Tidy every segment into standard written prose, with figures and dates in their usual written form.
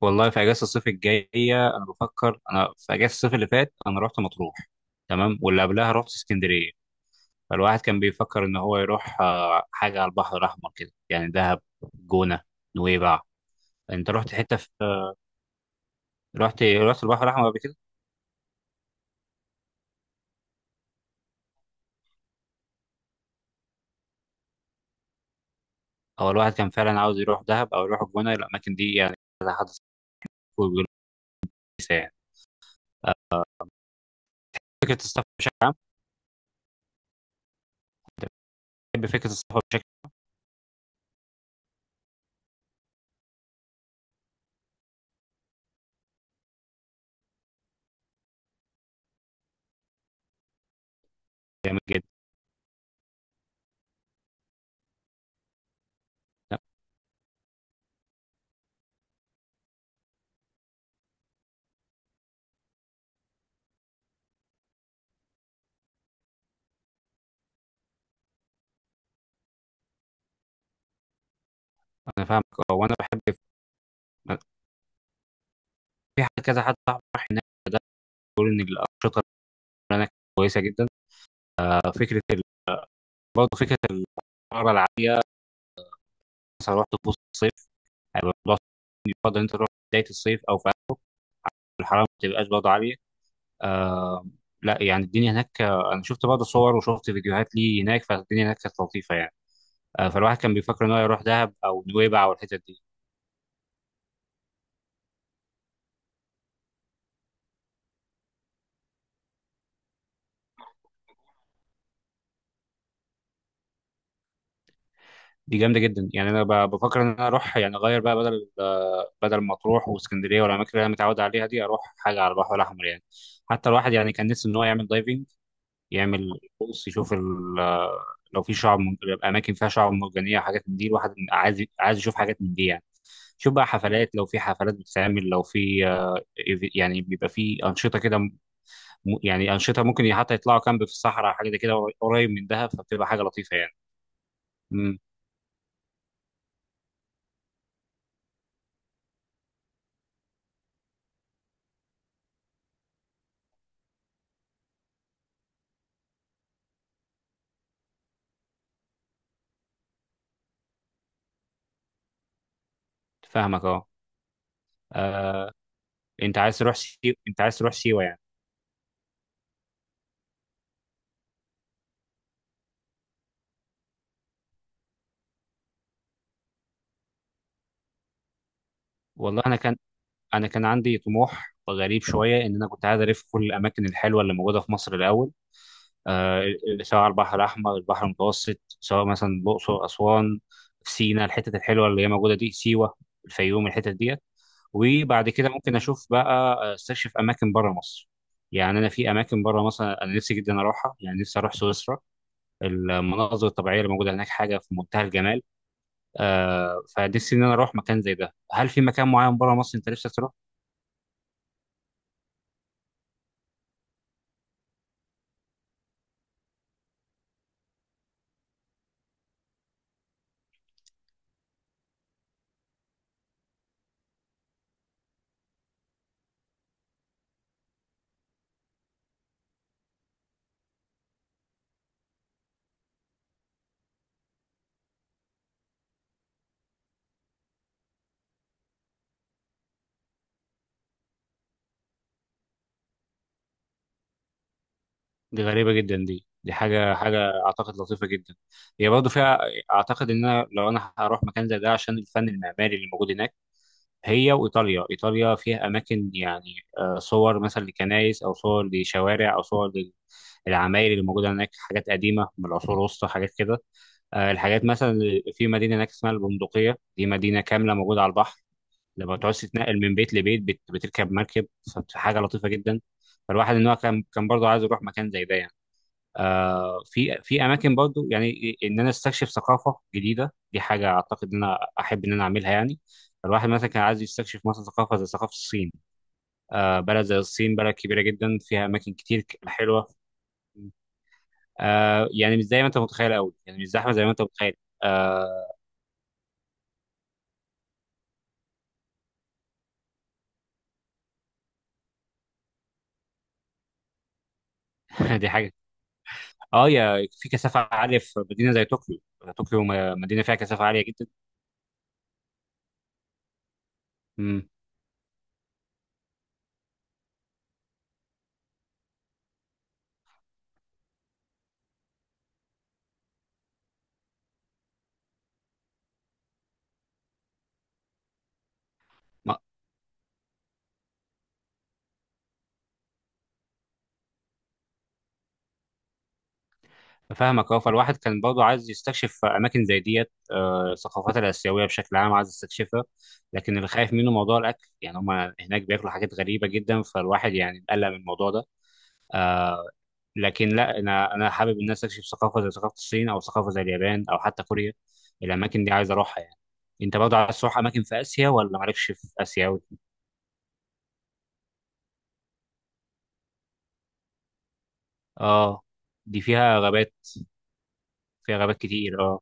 والله في اجازه الصيف الجايه. انا بفكر، انا في اجازه الصيف اللي فات انا رحت مطروح. تمام، واللي قبلها رحت اسكندريه. فالواحد كان بيفكر ان هو يروح حاجه على البحر الاحمر كده يعني دهب، جونه، نويبع. انت رحت حته في، رحت البحر الاحمر قبل كده؟ او الواحد كان فعلا عاوز يروح دهب او يروح الجونه، الاماكن دي يعني. كذا حد صاحبي بيقول لي يعني. آه، فكره السفر بشكل عام، انت بتحب فكره السفر بشكل جامد جدا؟ انا فاهمك، اه. وانا بحب، في حد، كذا حد صاحبي راح هناك بيقول ان الانشطه شغلانه كويسه جدا. آه، فكره ال... برضه فكره الحراره العاليه، مثلا رحت في وسط الصيف هيبقى الموضوع صعب. يفضل انت تروح في بدايه الصيف او في آخر، الحراره ما تبقاش برضه عاليه. آه لا، يعني الدنيا هناك، انا شفت برضه صور وشفت فيديوهات ليه هناك، فالدنيا هناك كانت لطيفه يعني. آه فالواحد كان بيفكر ان هو يروح دهب او نويبع او الحتت دي. دي جامده جدا يعني، انا بفكر ان انا اروح يعني اغير بقى، بدل بدل مطروح واسكندريه والاماكن اللي انا متعود عليها دي، اروح حاجه على البحر الاحمر يعني. حتى الواحد يعني كان نفسه ان هو يعمل دايفنج، يعمل بص، يشوف لو في اماكن فيها شعب مرجانيه، حاجات من دي. الواحد عايز يشوف حاجات من دي يعني. شوف بقى حفلات، لو في حفلات بتتعمل، لو في يعني بيبقى في انشطه كده، يعني انشطه، ممكن حتى يطلعوا كامب في الصحراء حاجه زي كده قريب من دهب، فبتبقى حاجه لطيفه يعني. امم، فاهمك اه. آه، انت عايز تروح سيوه، انت عايز تروح سيوه يعني؟ والله انا كان عندي طموح غريب شويه ان انا كنت عايز الف كل الاماكن الحلوه اللي موجوده في مصر الاول. آه، سواء البحر الأحمر، البحر المتوسط، سواء مثلا الأقصر، أسوان، سينا، الحتت الحلوة اللي هي موجودة دي، سيوة، الفيوم، الحتت ديت. وبعد كده ممكن أشوف بقى، أستكشف أماكن بره مصر. يعني أنا في أماكن بره مصر أنا نفسي جدا أروحها، يعني نفسي أروح سويسرا، المناظر الطبيعية اللي موجودة هناك حاجة في منتهى الجمال. آه فنفسي إن أنا أروح مكان زي ده. هل في مكان معين بره مصر أنت نفسك تروح؟ دي غريبة جدا، دي حاجة أعتقد لطيفة جدا. هي برضه فيها، أعتقد إن أنا لو أنا هروح مكان زي ده عشان الفن المعماري اللي موجود هناك. هي وإيطاليا، إيطاليا فيها أماكن يعني، صور مثلا لكنايس أو صور لشوارع أو صور للعماير اللي موجودة هناك، حاجات قديمة من العصور الوسطى حاجات كده. الحاجات مثلا في مدينة هناك اسمها البندقية، دي مدينة كاملة موجودة على البحر، لما تعوز تتنقل من بيت لبيت بتركب مركب، فحاجة لطيفة جدا. فالواحد إن هو كان برضه عايز يروح مكان زي ده يعني. في في اماكن برضو يعني ان انا استكشف ثقافه جديده، دي حاجه اعتقد ان انا احب ان انا اعملها يعني. الواحد مثلا كان عايز يستكشف مثلا ثقافه زي ثقافه الصين. بلد زي الصين، بلد كبيره جدا فيها اماكن كتير حلوه. يعني مش زي ما انت متخيل قوي يعني، مش زحمه زي ما انت متخيل. آه، دي حاجه. اه، يا في كثافه عاليه في مدينه زي طوكيو، طوكيو مدينه فيها كثافه عاليه جدا. مم. فاهمك اه. فالواحد كان برضه عايز يستكشف اماكن زي ديت، الثقافات الاسيويه بشكل عام عايز يستكشفها. لكن اللي خايف منه موضوع الاكل، يعني هم هناك بياكلوا حاجات غريبه جدا فالواحد يعني مقلق من الموضوع ده. لكن لا، انا حابب ان انا استكشف ثقافه زي ثقافه الصين او ثقافه زي اليابان او حتى كوريا، الاماكن دي عايز اروحها يعني. انت برضه عايز تروح اماكن في اسيا ولا مالكش في اسيا أوي؟ اه، دي فيها غابات، فيها غابات كتير اه.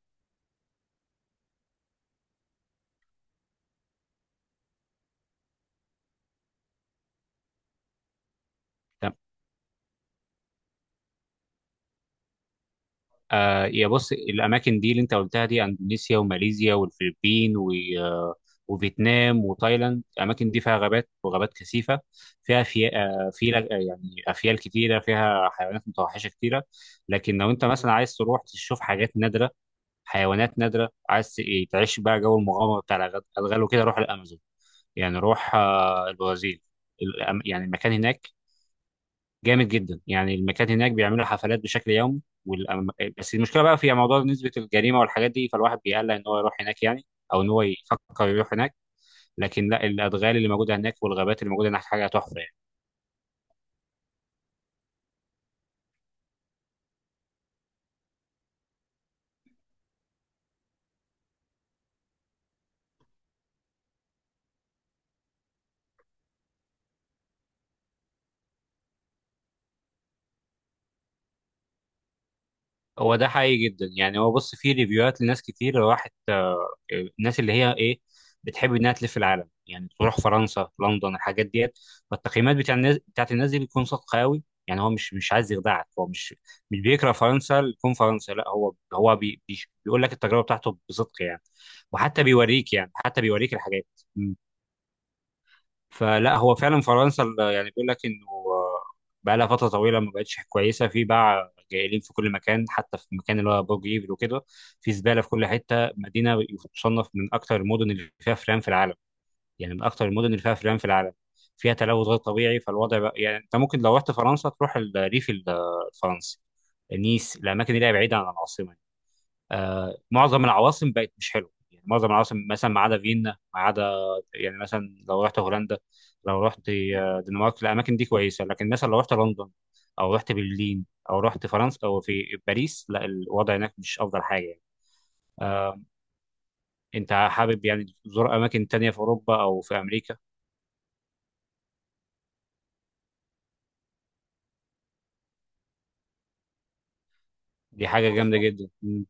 آه يا بص، الاماكن دي اللي انت قلتها دي اندونيسيا وماليزيا والفلبين و آه، وفيتنام وتايلاند، الاماكن دي فيها غابات وغابات كثيفه، فيها في يعني افيال كتيره، فيها حيوانات متوحشه كتيره. لكن لو انت مثلا عايز تروح تشوف حاجات نادره، حيوانات نادره، عايز ت- إيه، تعيش بقى جو المغامره بتاع الغال وكده، روح الامازون يعني، روح البرازيل. يعني المكان هناك جامد جدا، يعني المكان هناك بيعملوا حفلات بشكل يومي. والأم... بس المشكله بقى في موضوع نسبه الجريمه والحاجات دي، فالواحد بيقلق ان هو يروح هناك يعني، او ان هو يفكر يروح هناك. لكن لا، الادغال اللي موجوده هناك والغابات اللي موجوده هناك حاجه تحفه يعني. هو ده حقيقي جدا يعني. هو بص، فيه ريفيوهات لناس كتير راحت، الناس اللي هي ايه، بتحب انها تلف العالم يعني، تروح فرنسا، لندن، الحاجات ديت. فالتقييمات بتاع الناس، بتاعت الناس دي بتكون صادقه قوي يعني، هو مش عايز يخدعك، هو مش بيكره فرنسا لكون فرنسا، لا هو بيقول لك التجربه بتاعته بصدق يعني. وحتى بيوريك يعني، حتى بيوريك الحاجات. فلا، هو فعلا فرنسا يعني بيقول لك انه بقى لها فتره طويله ما بقتش كويسه، في باع جائلين في كل مكان، حتى في المكان اللي هو برج ايفل وكده، في زباله في كل حته. مدينه تصنف من اكثر المدن اللي فيها فئران في العالم، يعني من اكثر المدن اللي فيها فئران في العالم، فيها تلوث غير طبيعي. فالوضع بقى يعني انت ممكن لو رحت فرنسا تروح الريف الفرنسي، نيس، الاماكن اللي هي بعيده عن العاصمه. معظم العواصم بقت مش حلوه يعني، معظم العواصم مثلا ما عدا فيينا ما عدا، يعني مثلا لو رحت هولندا، لو رحت دنمارك، الاماكن دي كويسه. لكن مثلا لو رحت لندن او رحت برلين او رحت فرنسا او في باريس، لا الوضع هناك مش افضل حاجه يعني. آه، انت حابب يعني تزور اماكن تانية في اوروبا او في امريكا؟ دي حاجه جامده جدا. مم.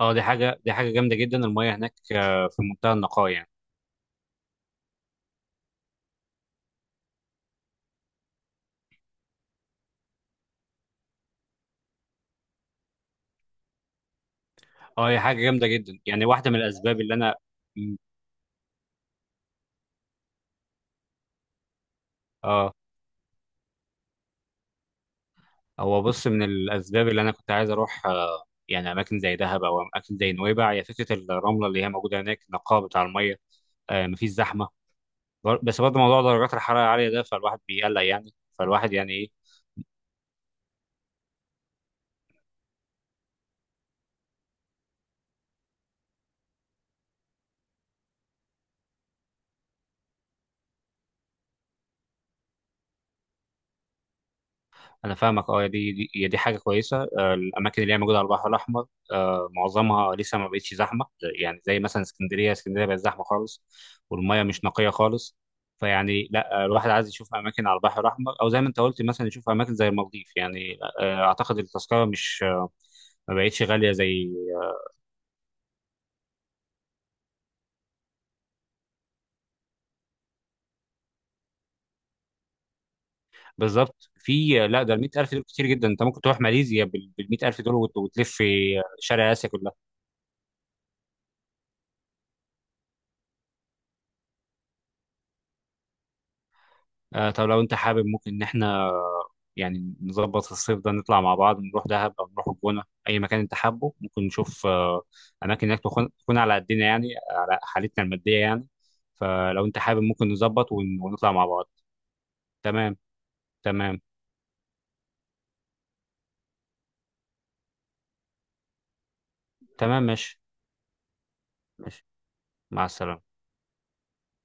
اه، دي حاجه جامده جدا، المياه هناك في منتهى النقاء يعني. اه، هي حاجه جامده جدا يعني، واحده من الاسباب اللي انا، مم. اه، هو بص، من الاسباب اللي انا كنت عايز اروح يعني اماكن زي دهب او اماكن زي نويبع، هي فكره الرمله اللي هي موجوده هناك، النقاء بتاع الميه، مفيش زحمه. بس برضه موضوع درجات الحراره العاليه ده فالواحد بيقلق يعني، فالواحد يعني ايه. انا فاهمك اه، دي حاجه كويسه. الاماكن اللي هي موجوده على البحر الاحمر، معظمها لسه ما بقتش زحمه. يعني زي مثلا اسكندريه، اسكندريه بقت زحمه خالص، والميه مش نقيه خالص. فيعني لا، الواحد عايز يشوف اماكن على البحر الاحمر، او زي ما انت قلت مثلا يشوف اماكن زي المالديف يعني. اعتقد التذكره مش ما بقتش غاليه زي بالظبط. في لا ده ال 100,000 دول كتير جدا، انت ممكن تروح ماليزيا بال 100,000 دول وتلف في شرق اسيا كلها. طب لو انت حابب ممكن ان احنا يعني نظبط الصيف ده نطلع مع بعض، نروح دهب أو نروح الجونة، أي مكان أنت حابه، ممكن نشوف أماكن هناك تكون على قدنا يعني، على حالتنا المادية يعني. فلو أنت حابب ممكن نظبط ونطلع مع بعض. تمام. تمام. تمام، ماشي. ماشي، مع السلامة.